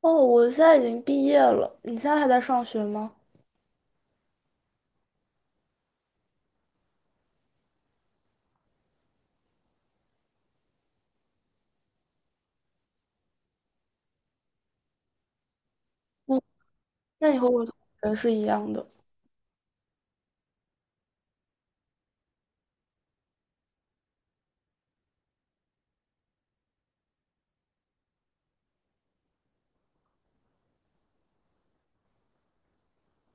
哦，我现在已经毕业了，你现在还在上学吗？嗯，那你和我同学是一样的。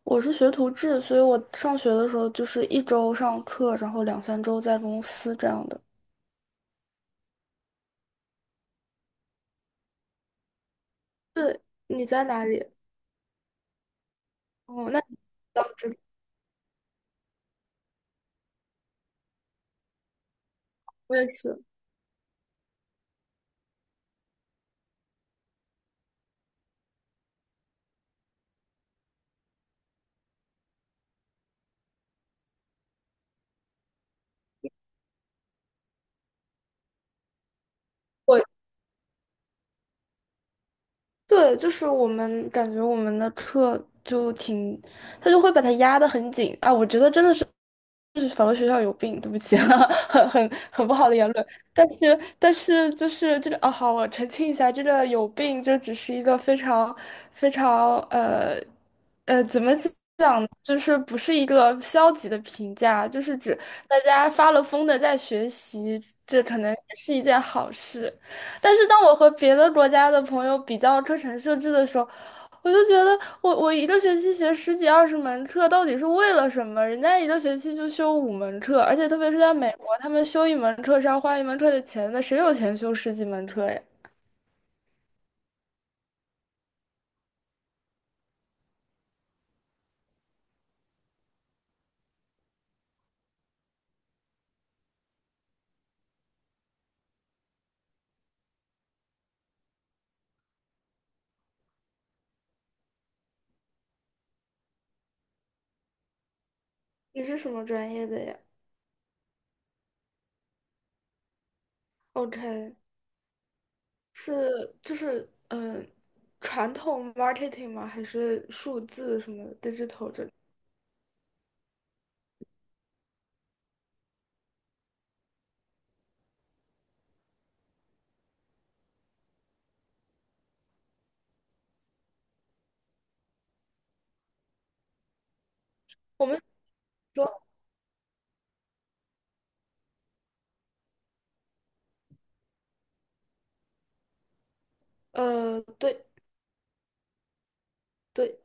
我是学徒制，所以我上学的时候就是一周上课，然后2 3周在公司这样的。你在哪里？哦，那你到这里，我也是。我对，就是我们感觉我们的课就挺，他就会把它压得很紧啊。我觉得真的是就是反正学校有病，对不起啊，很不好的言论。但是就是这个啊，好，我澄清一下，这个有病就只是一个非常非常呃怎么就是不是一个消极的评价，就是指大家发了疯的在学习，这可能也是一件好事。但是当我和别的国家的朋友比较课程设置的时候，我就觉得我一个学期学十几二十门课，到底是为了什么？人家一个学期就修5门课，而且特别是在美国，他们修一门课是要花一门课的钱的，谁有钱修十几门课呀？你是什么专业的呀？OK，是就是传统 marketing 吗？还是数字什么 digital 这里？我们说呃，对对，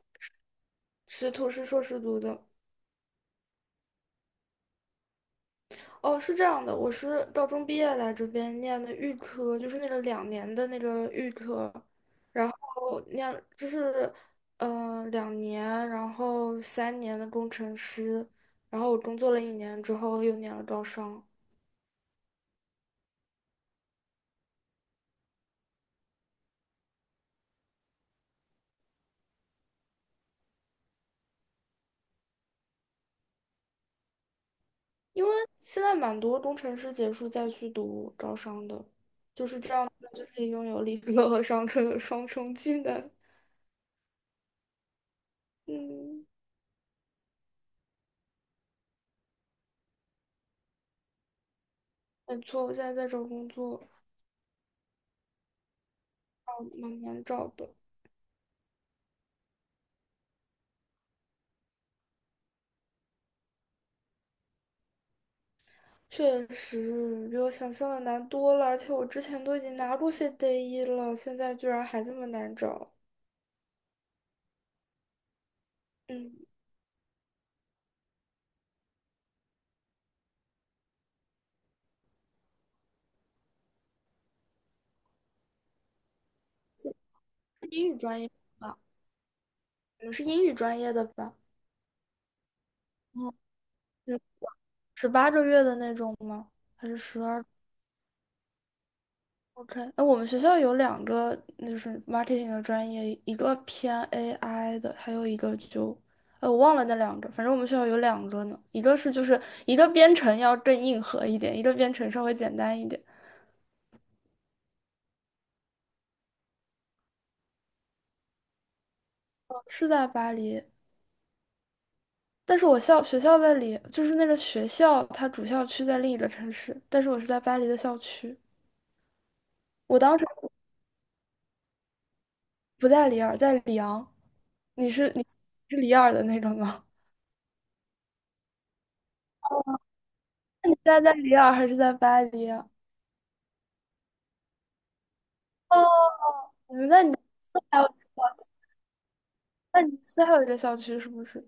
师徒是硕士读的。哦，是这样的，我是高中毕业来这边念的预科，就是那个两年的那个预科，然后念就是两年，然后3年的工程师，然后我工作了1年之后又念了招商。因为现在蛮多工程师结束再去读招商的，就是这样，就可以拥有理科和商科的双重技能。嗯，没错，我现在在找工作，哦，蛮难找的，确实比我想象的难多了。而且我之前都已经拿过些 DA1了，现在居然还这么难找。嗯，英语专业吧，你们是英语专业的吧？嗯，18个月的那种吗？还是12？OK，哎，我们学校有两个就是 marketing 的专业，一个偏 AI 的，还有一个就，哎，我忘了那两个，反正我们学校有两个呢，一个是就是一个编程要更硬核一点，一个编程稍微简单一点，是在巴黎，但是我校学校在里，就是那个学校它主校区在另一个城市，但是我是在巴黎的校区，我当时不在里尔，在里昂，你是里尔的那种吗？那你现在在里尔还是在巴黎啊？哦，你们在尼你还有，那你斯还有一个校区是不是？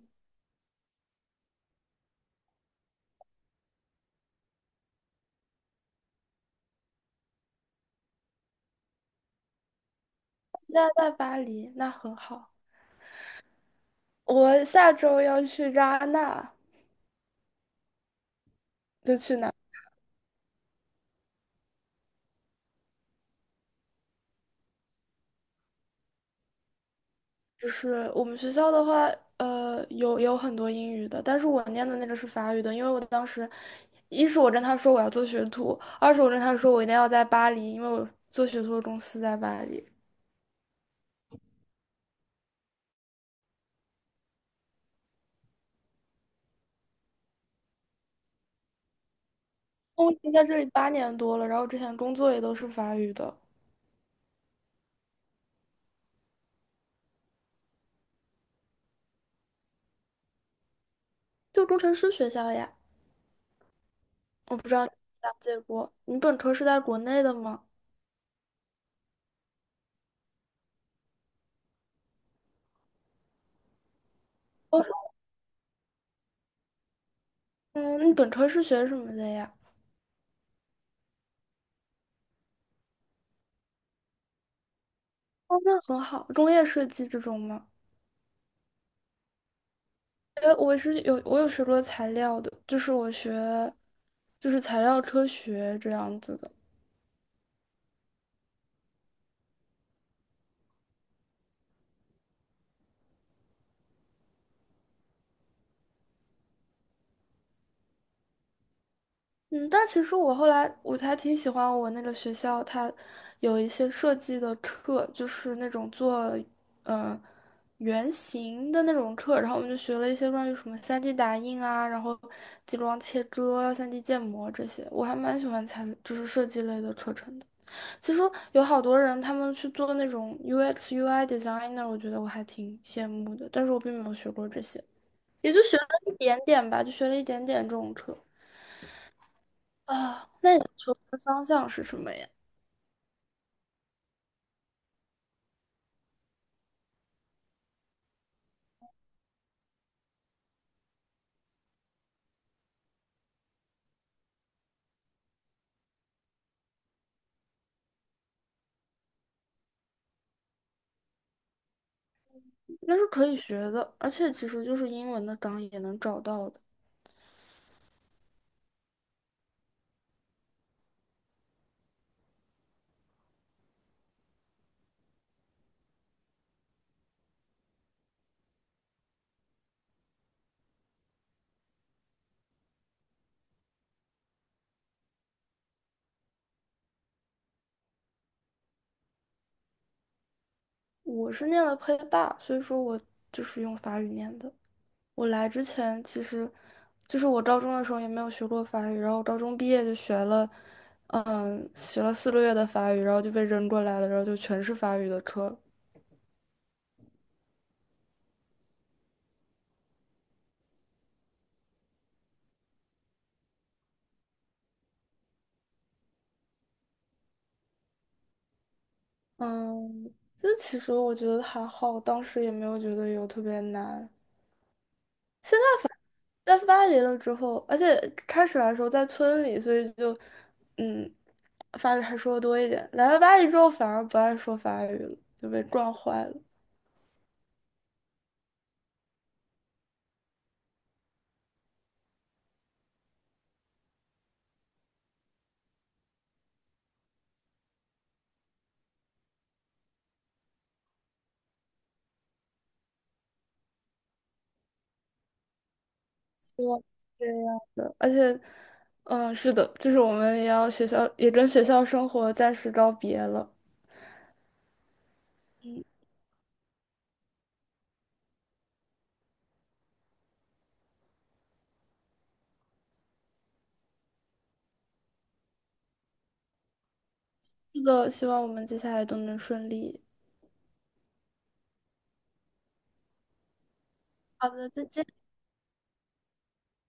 现在在巴黎，那很好。我下周要去扎那，就去哪？就是我们学校的话，呃，有很多英语的，但是我念的那个是法语的，因为我当时，一是我跟他说我要做学徒，二是我跟他说我一定要在巴黎，因为我做学徒的公司在巴黎。我已经在这里8年多了，然后之前工作也都是法语的，就工程师学校呀。我不知道你了解过，你本科是在国内的吗？哦嗯，你本科是学什么的呀？哦，那很好，工业设计这种吗？呃，我有学过材料的，就是我学就是材料科学这样子的。嗯，但其实我后来我还挺喜欢我那个学校，它有一些设计的课，就是那种做呃原型的那种课，然后我们就学了一些关于什么 3D 打印啊，然后激光切割啊、3D 建模这些，我还蛮喜欢参就是设计类的课程的。其实有好多人他们去做那种 UX、UI designer，我觉得我还挺羡慕的，但是我并没有学过这些，也就学了一点点吧，就学了一点点这种课。啊，那你求职方向是什么呀？那是可以学的，而且其实就是英文的岗也能找到的。我是念了配霸，所以说我就是用法语念的。我来之前其实就是我高中的时候也没有学过法语，然后我高中毕业就学了，嗯，学了4个月的法语，然后就被扔过来了，然后就全是法语的课了。嗯，这其实我觉得还好，当时也没有觉得有特别难。在巴黎了之后，而且开始来时候在村里，所以就嗯，法语还说的多一点。来了巴黎之后，反而不爱说法语了，就被惯坏了。希望是这样的，而且，嗯，是的，就是我们也要学校也跟学校生活暂时告别了。是的，希望我们接下来都能顺利。好的，再见。